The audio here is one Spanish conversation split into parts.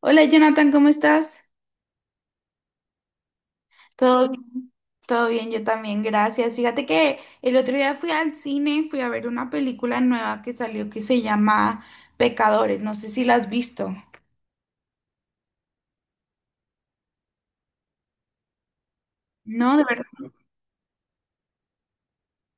Hola Jonathan, ¿cómo estás? Todo bien, todo bien, yo también, gracias. Fíjate que el otro día fui al cine, fui a ver una película nueva que salió que se llama Pecadores, no sé si la has visto. No, de verdad.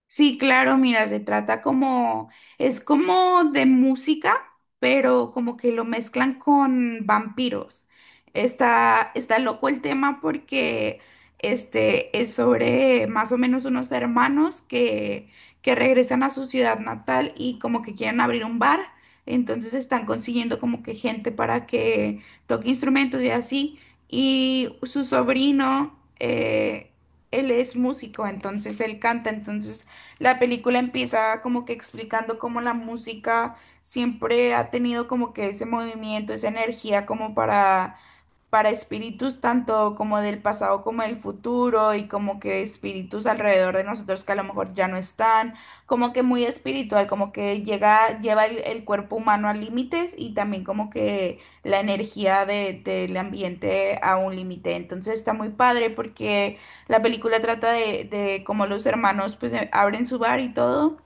Sí, claro, mira, se trata como, es como de música, pero como que lo mezclan con vampiros. Está loco el tema porque este es sobre más o menos unos hermanos que regresan a su ciudad natal y como que quieren abrir un bar. Entonces están consiguiendo como que gente para que toque instrumentos y así. Y su sobrino, él es músico, entonces él canta, entonces la película empieza como que explicando cómo la música siempre ha tenido como que ese movimiento, esa energía como para espíritus tanto como del pasado como del futuro y como que espíritus alrededor de nosotros que a lo mejor ya no están, como que muy espiritual, como que llega, lleva el cuerpo humano a límites y también como que la energía del ambiente a un límite. Entonces está muy padre porque la película trata de cómo los hermanos pues abren su bar y todo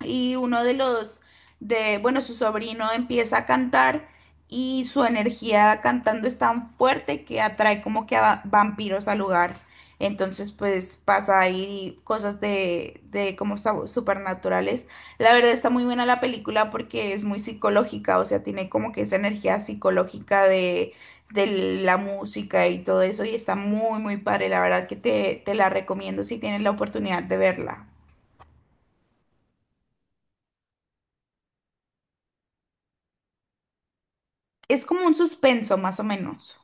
y uno de bueno, su sobrino empieza a cantar y su energía cantando es tan fuerte que atrae como que a vampiros al lugar. Entonces, pues pasa ahí cosas de como supernaturales. La verdad está muy buena la película porque es muy psicológica, o sea, tiene como que esa energía psicológica de la música y todo eso y está muy, muy padre. La verdad que te la recomiendo si tienes la oportunidad de verla. Es como un suspenso, más o menos.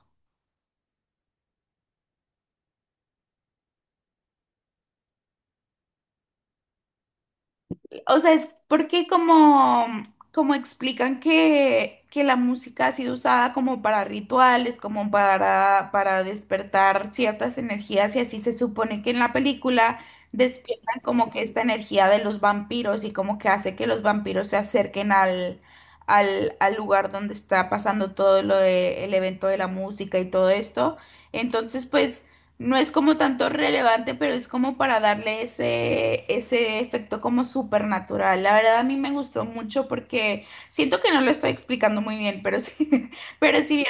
O sea, es porque como, como explican que la música ha sido usada como para rituales, como para despertar ciertas energías, y así se supone que en la película despiertan como que esta energía de los vampiros y como que hace que los vampiros se acerquen al lugar donde está pasando todo lo de, el evento de la música y todo esto. Entonces, pues... No es como tanto relevante, pero es como para darle ese, ese efecto como supernatural. La verdad a mí me gustó mucho porque siento que no lo estoy explicando muy bien, pero sí, pero sí, bien.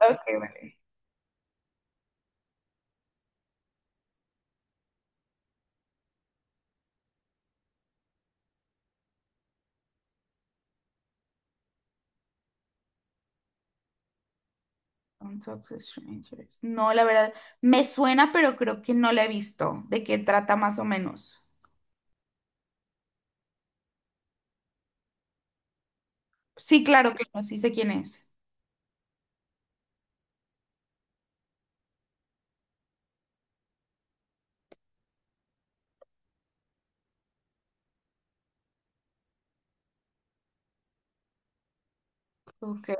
Ok, vale. Don't talk to strangers. No, la verdad, me suena, pero creo que no la he visto. ¿De qué trata más o menos? Sí, claro que no, sí sé quién es. Ok.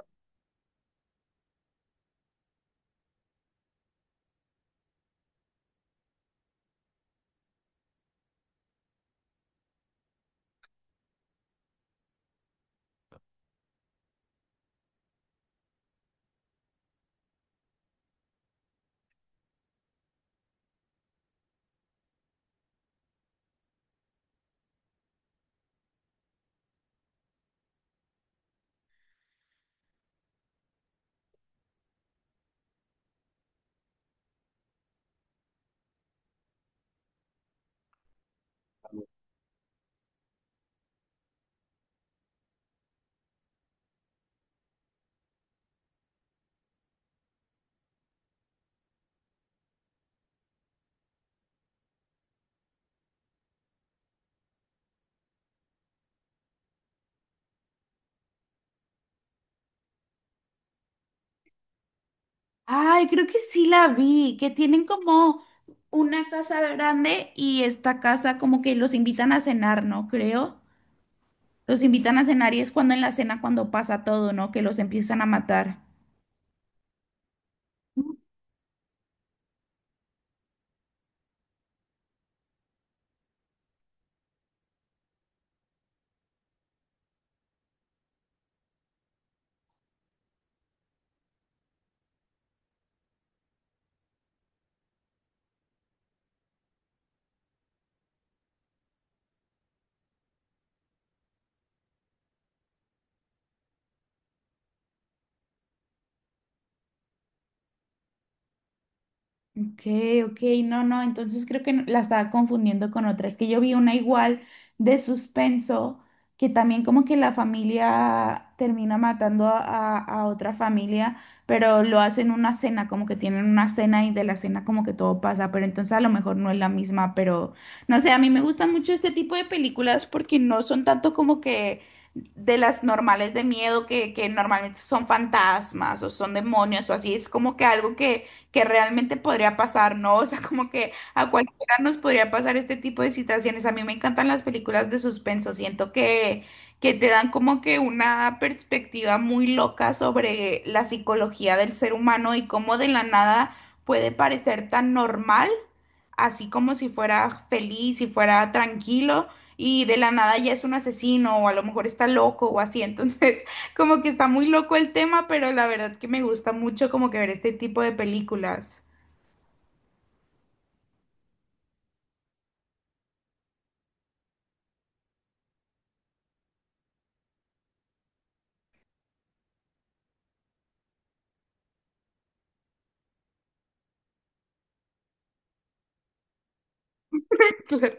Ay, creo que sí la vi, que tienen como una casa grande y esta casa como que los invitan a cenar, ¿no? Creo. Los invitan a cenar y es cuando en la cena cuando pasa todo, ¿no? Que los empiezan a matar. Ok, ok, no, no, entonces creo que la estaba confundiendo con otra. Es que yo vi una igual de suspenso, que también como que la familia termina matando a, a otra familia, pero lo hacen una cena, como que tienen una cena y de la cena como que todo pasa, pero entonces a lo mejor no es la misma, pero no sé, a mí me gustan mucho este tipo de películas porque no son tanto como que de las normales de miedo que normalmente son fantasmas o son demonios o así, es como que algo que realmente podría pasar, ¿no? O sea, como que a cualquiera nos podría pasar este tipo de situaciones. A mí me encantan las películas de suspenso, siento que te dan como que una perspectiva muy loca sobre la psicología del ser humano y cómo de la nada puede parecer tan normal, así como si fuera feliz, si fuera tranquilo. Y de la nada ya es un asesino, o a lo mejor está loco, o así. Entonces, como que está muy loco el tema, pero la verdad que me gusta mucho como que ver este tipo de películas. Claro.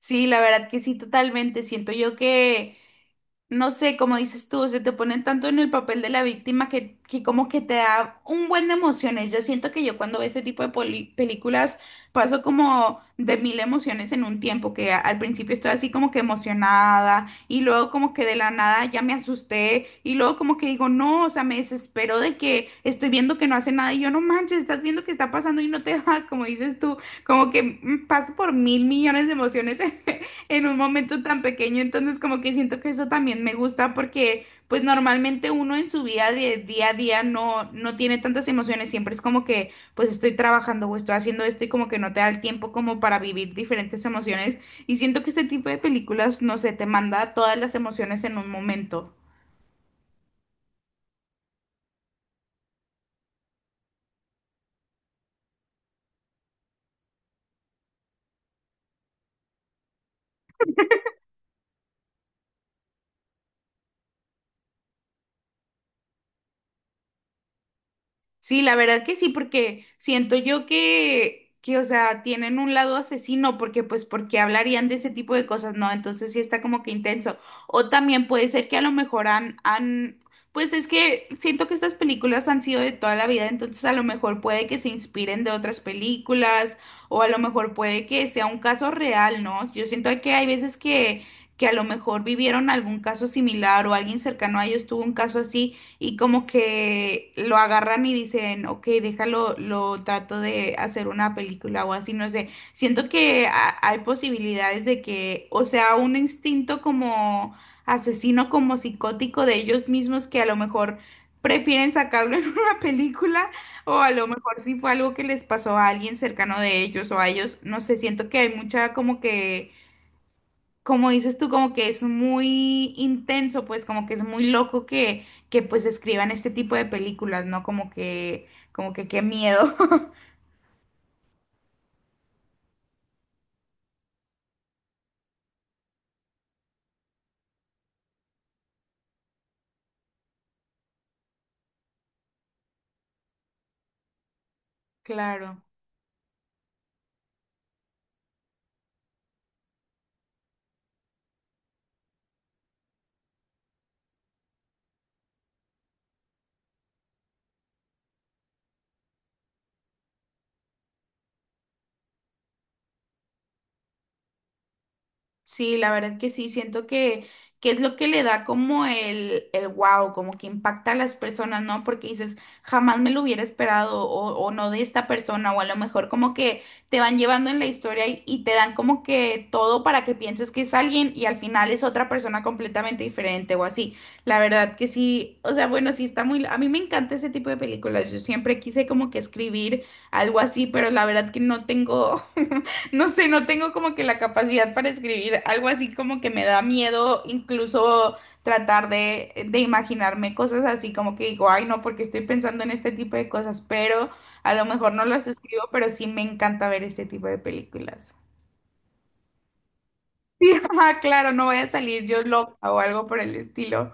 Sí, la verdad que sí, totalmente. Siento yo que no sé, como dices tú, se te ponen tanto en el papel de la víctima que como que te da un buen de emociones. Yo siento que yo cuando veo ese tipo de películas paso como de mil emociones en un tiempo, que al principio estoy así como que emocionada y luego como que de la nada ya me asusté y luego como que digo, no, o sea, me desespero de que estoy viendo que no hace nada y yo no manches, estás viendo que está pasando y no te vas, como dices tú, como que paso por mil millones de emociones en un momento tan pequeño, entonces como que siento que eso también me gusta porque pues normalmente uno en su vida de día a día no tiene tantas emociones, siempre es como que pues estoy trabajando o estoy haciendo esto y como que no te da el tiempo como para vivir diferentes emociones y siento que este tipo de películas, no sé, te manda todas las emociones en un momento. Sí, la verdad que sí, porque siento yo o sea, tienen un lado asesino, porque pues, porque hablarían de ese tipo de cosas, ¿no? Entonces sí está como que intenso. O también puede ser que a lo mejor pues es que siento que estas películas han sido de toda la vida, entonces a lo mejor puede que se inspiren de otras películas, o a lo mejor puede que sea un caso real, ¿no? Yo siento que hay veces que a lo mejor vivieron algún caso similar o alguien cercano a ellos tuvo un caso así y como que lo agarran y dicen, ok, déjalo, lo trato de hacer una película o así, no sé. Siento que hay posibilidades de que, o sea, un instinto como asesino, como psicótico de ellos mismos que a lo mejor prefieren sacarlo en una película o a lo mejor si fue algo que les pasó a alguien cercano de ellos o a ellos, no sé, siento que hay mucha como que como dices tú, como que es muy intenso, pues como que es muy loco que pues escriban este tipo de películas, ¿no? Como que qué miedo. Claro. Sí, la verdad que sí, siento que es lo que le da como el wow, como que impacta a las personas, ¿no? Porque dices, jamás me lo hubiera esperado o no de esta persona, o a lo mejor como que te van llevando en la historia y te dan como que todo para que pienses que es alguien y al final es otra persona completamente diferente o así. La verdad que sí, o sea, bueno, sí está muy... A mí me encanta ese tipo de películas, yo siempre quise como que escribir algo así, pero la verdad que no tengo... No sé, no tengo como que la capacidad para escribir algo así como que me da miedo incluso tratar de imaginarme cosas así como que digo, ay no, porque estoy pensando en este tipo de cosas, pero a lo mejor no las escribo, pero sí me encanta ver este tipo de películas. Sí, ajá, claro, no voy a salir yo loca o algo por el estilo.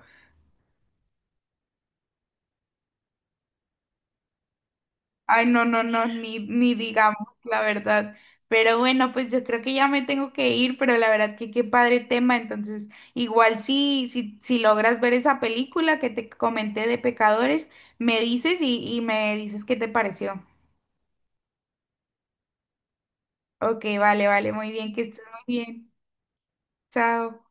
Ay, no, no, no, ni, ni digamos la verdad. Pero bueno, pues yo creo que ya me tengo que ir, pero la verdad que qué padre tema. Entonces, igual si logras ver esa película que te comenté de pecadores, me dices y me dices qué te pareció. Ok, vale, vale, muy bien, que estés muy bien. Chao.